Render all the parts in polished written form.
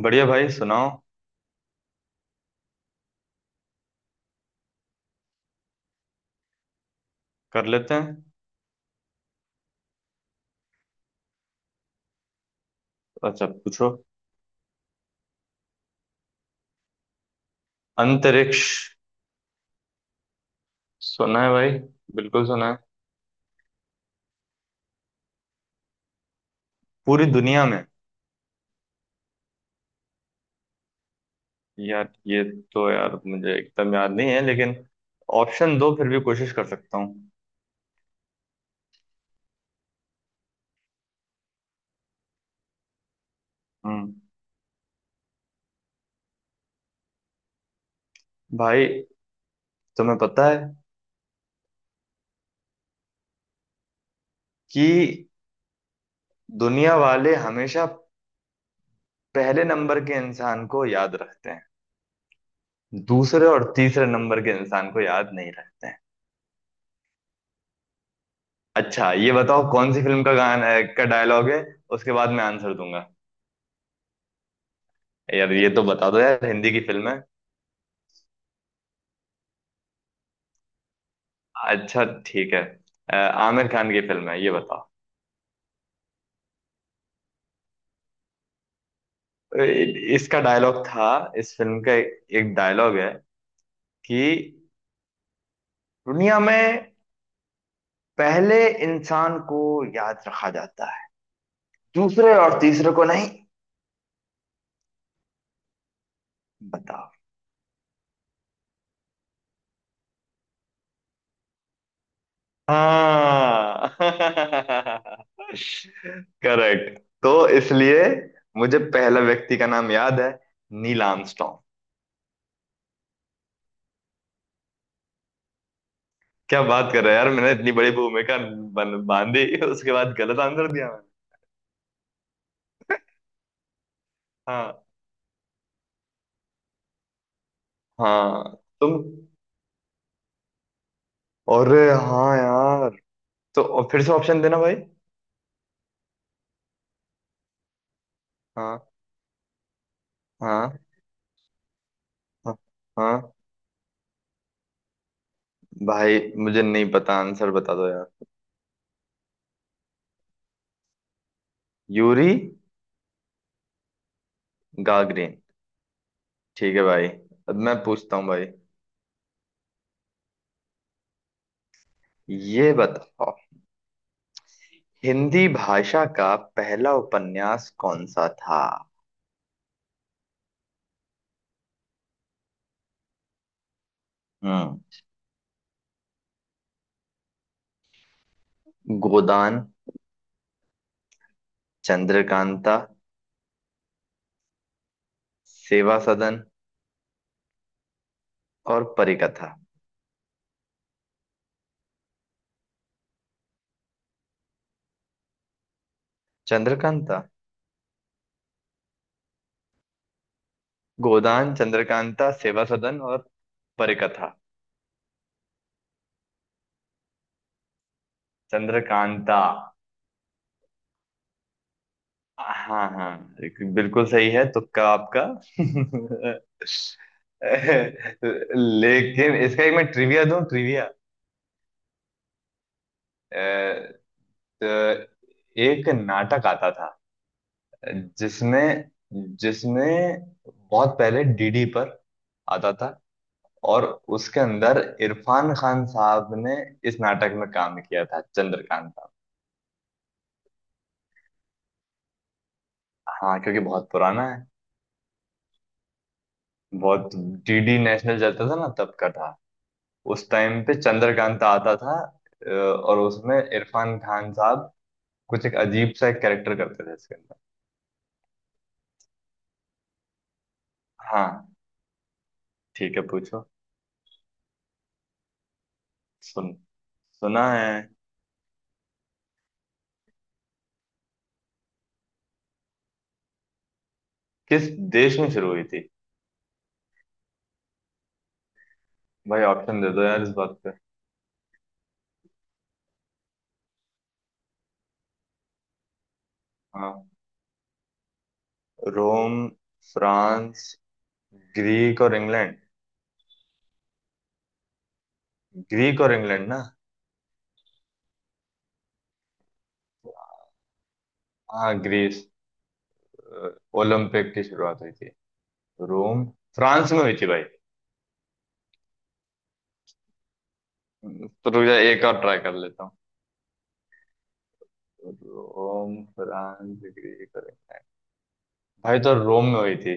बढ़िया भाई सुनाओ। कर लेते हैं। अच्छा पूछो। अंतरिक्ष। सुना है भाई। बिल्कुल सुना है। पूरी दुनिया में। यार ये। तो यार मुझे एकदम याद नहीं है लेकिन ऑप्शन दो फिर भी कोशिश कर सकता हूँ। हम्म। भाई तुम्हें पता है कि दुनिया वाले हमेशा पहले नंबर के इंसान को याद रखते हैं। दूसरे और तीसरे नंबर के इंसान को याद नहीं रखते हैं। अच्छा ये बताओ कौन सी फिल्म का गाना का डायलॉग है। उसके बाद मैं आंसर दूंगा। यार ये तो बता दो यार, हिंदी की फिल्म है। अच्छा ठीक है। आमिर खान की फिल्म है, ये बताओ। इसका डायलॉग था। इस फिल्म का एक डायलॉग है कि दुनिया में पहले इंसान को याद रखा जाता है, दूसरे और तीसरे को नहीं। बताओ। हाँ। करेक्ट, तो इसलिए मुझे पहला व्यक्ति का नाम याद है, नील आर्मस्ट्रॉन्ग। क्या बात कर रहा है यार, मैंने इतनी बड़ी भूमिका बांधी, उसके बाद गलत आंसर दिया मैंने। हाँ, हाँ। तुम। अरे। हाँ यार। तो और फिर से ऑप्शन देना भाई। हाँ, हाँ, हाँ, हाँ। भाई मुझे नहीं पता, आंसर बता दो यार। यूरी। गागरिन। ठीक है भाई। अब मैं पूछता हूँ भाई। ये बताओ हिंदी भाषा का पहला उपन्यास कौन सा था। हम्म। गोदान। चंद्रकांता। सेवा सदन। और परिकथा। चंद्रकांता। गोदान, चंद्रकांता, सेवा सदन और परिकथा। चंद्रकांता। हाँ, हाँ, बिल्कुल सही है, तुक्का आपका। लेकिन इसका एक मैं ट्रिविया दूं, ट्रिविया। तो एक नाटक आता था जिसमें, बहुत पहले डीडी पर आता था। और उसके अंदर इरफान खान साहब ने इस नाटक में काम किया था, चंद्रकांता। हाँ, क्योंकि बहुत पुराना है। बहुत। डीडी नेशनल चलता था ना, तब का था। उस टाइम पे चंद्रकांता आता था। और उसमें इरफान खान साहब कुछ एक अजीब सा एक कैरेक्टर करते थे इसके अंदर। हाँ ठीक है पूछो। सुन। सुना है। किस देश में शुरू हुई थी। भाई ऑप्शन दे दो यार इस बात पे। हाँ। रोम, फ्रांस, ग्रीक और इंग्लैंड। ग्रीक और इंग्लैंड ना। हाँ, ग्रीस। अ, ओलंपिक की शुरुआत हुई थी रोम। फ्रांस में हुई थी भाई। तो रुक जा, एक और ट्राई कर लेता हूँ। तो रोम, फ्रांस, ग्रीस, अरे भाई तो रोम में हुई थी।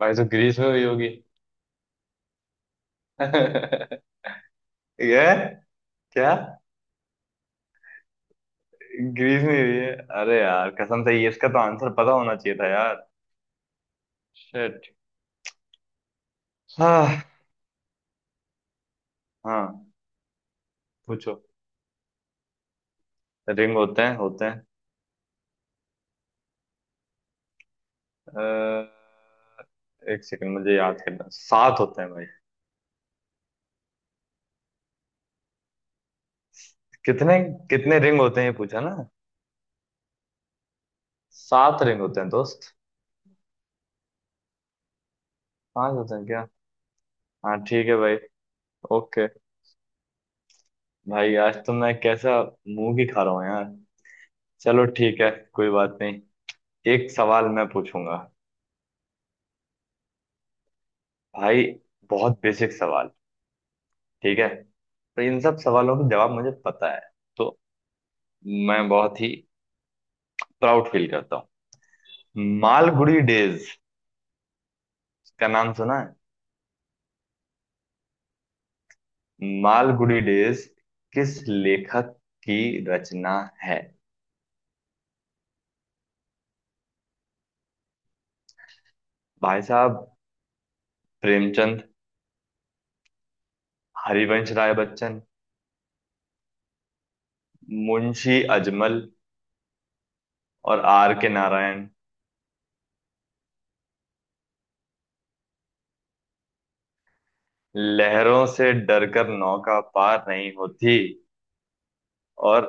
भाई तो ग्रीस में हुई होगी। ये क्या। ग्रीस में हुई है। अरे यार कसम से, ये इसका तो आंसर पता होना चाहिए था यार। शिट। हाँ, हाँ, पूछो। रिंग होते हैं, होते हैं। अ, एक सेकंड मुझे याद करना, सात होते हैं भाई। कितने। कितने रिंग होते हैं, ये पूछा ना। सात रिंग होते हैं दोस्त। पांच होते हैं क्या। हाँ ठीक है भाई। ओके। भाई आज तो मैं कैसा मुंह की खा रहा हूँ यार। चलो ठीक है, कोई बात नहीं। एक सवाल मैं पूछूंगा भाई। बहुत बेसिक सवाल। ठीक है। तो इन सब सवालों के जवाब मुझे पता है, तो मैं बहुत ही प्राउड फील करता हूँ। मालगुडी डेज का नाम सुना है। मालगुडी डेज किस लेखक की रचना है। भाई साहब। प्रेमचंद। हरिवंश राय बच्चन। मुंशी अजमल। और आर के नारायण। लहरों से डरकर नौका पार नहीं होती, और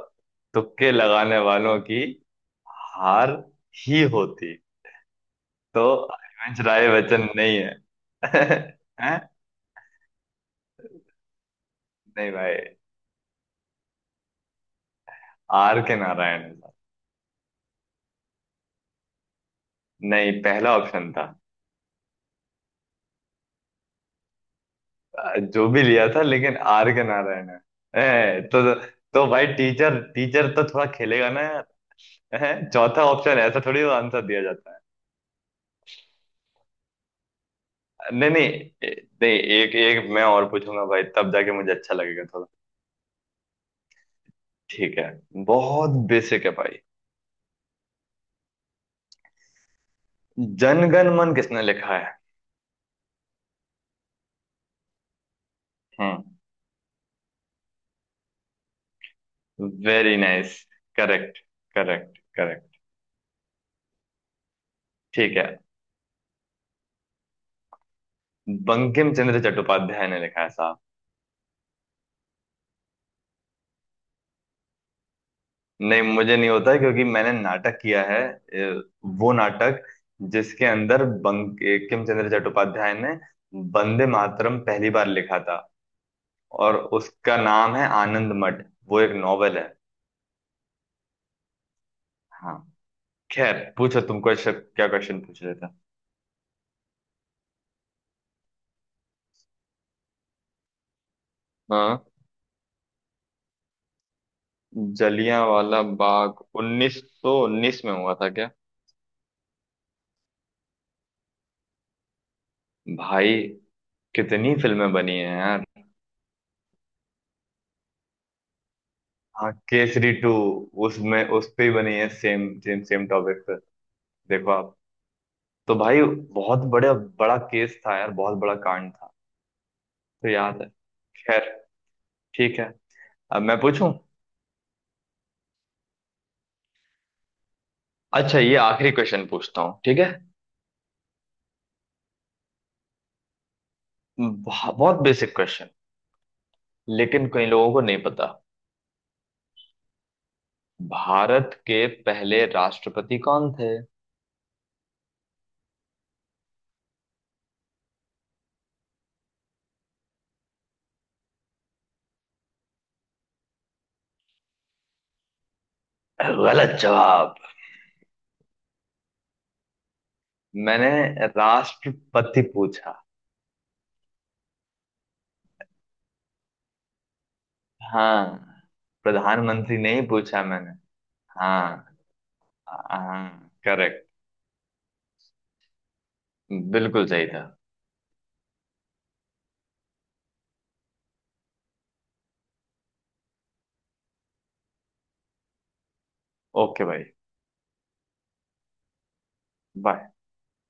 तुक्के लगाने वालों की हार ही होती। तो हरिवंश राय बच्चन नहीं है। हैं? नहीं भाई, आर के नारायण है साहब। नहीं, पहला ऑप्शन था। जो भी लिया था, लेकिन आर के नारायण है। हैं? तो भाई, टीचर टीचर तो थोड़ा खेलेगा ना यार। हैं? चौथा ऑप्शन ऐसा थोड़ी आंसर दिया जाता है। नहीं, नहीं। नहीं। एक एक मैं और पूछूंगा भाई, तब जाके मुझे अच्छा लगेगा थोड़ा। ठीक है। बहुत बेसिक है भाई। जनगण मन किसने लिखा है। Hmm. Very nice. Correct, correct, correct. ठीक है। बंकिम चंद्र चट्टोपाध्याय ने लिखा है साहब। नहीं, मुझे नहीं होता क्योंकि मैंने नाटक किया है। वो नाटक जिसके अंदर बंकिम चंद्र चट्टोपाध्याय ने वंदे मातरम पहली बार लिखा था। और उसका नाम है आनंद मठ, वो एक नॉवेल है। हाँ। खैर पूछो तुम, क्वेश्चन क्या क्वेश्चन पूछ रहे थे। हाँ। जलियांवाला बाग 1919 में हुआ था क्या। भाई कितनी फिल्में बनी हैं यार। हाँ, केसरी टू। उसमें उस पे ही बनी है, सेम सेम सेम टॉपिक पे। देखो आप। तो भाई बहुत बड़े, बड़ा केस था यार, बहुत बड़ा कांड था। तो याद है। खैर ठीक है। अब मैं पूछूं। अच्छा, ये आखिरी क्वेश्चन पूछता हूँ, ठीक है। बहुत बेसिक क्वेश्चन। लेकिन कई लोगों को नहीं पता। भारत के पहले राष्ट्रपति कौन थे। गलत जवाब। मैंने राष्ट्रपति पूछा। हाँ। प्रधानमंत्री नहीं पूछा मैंने। हाँ, हाँ, करेक्ट। बिल्कुल सही था। ओके भाई, बाय।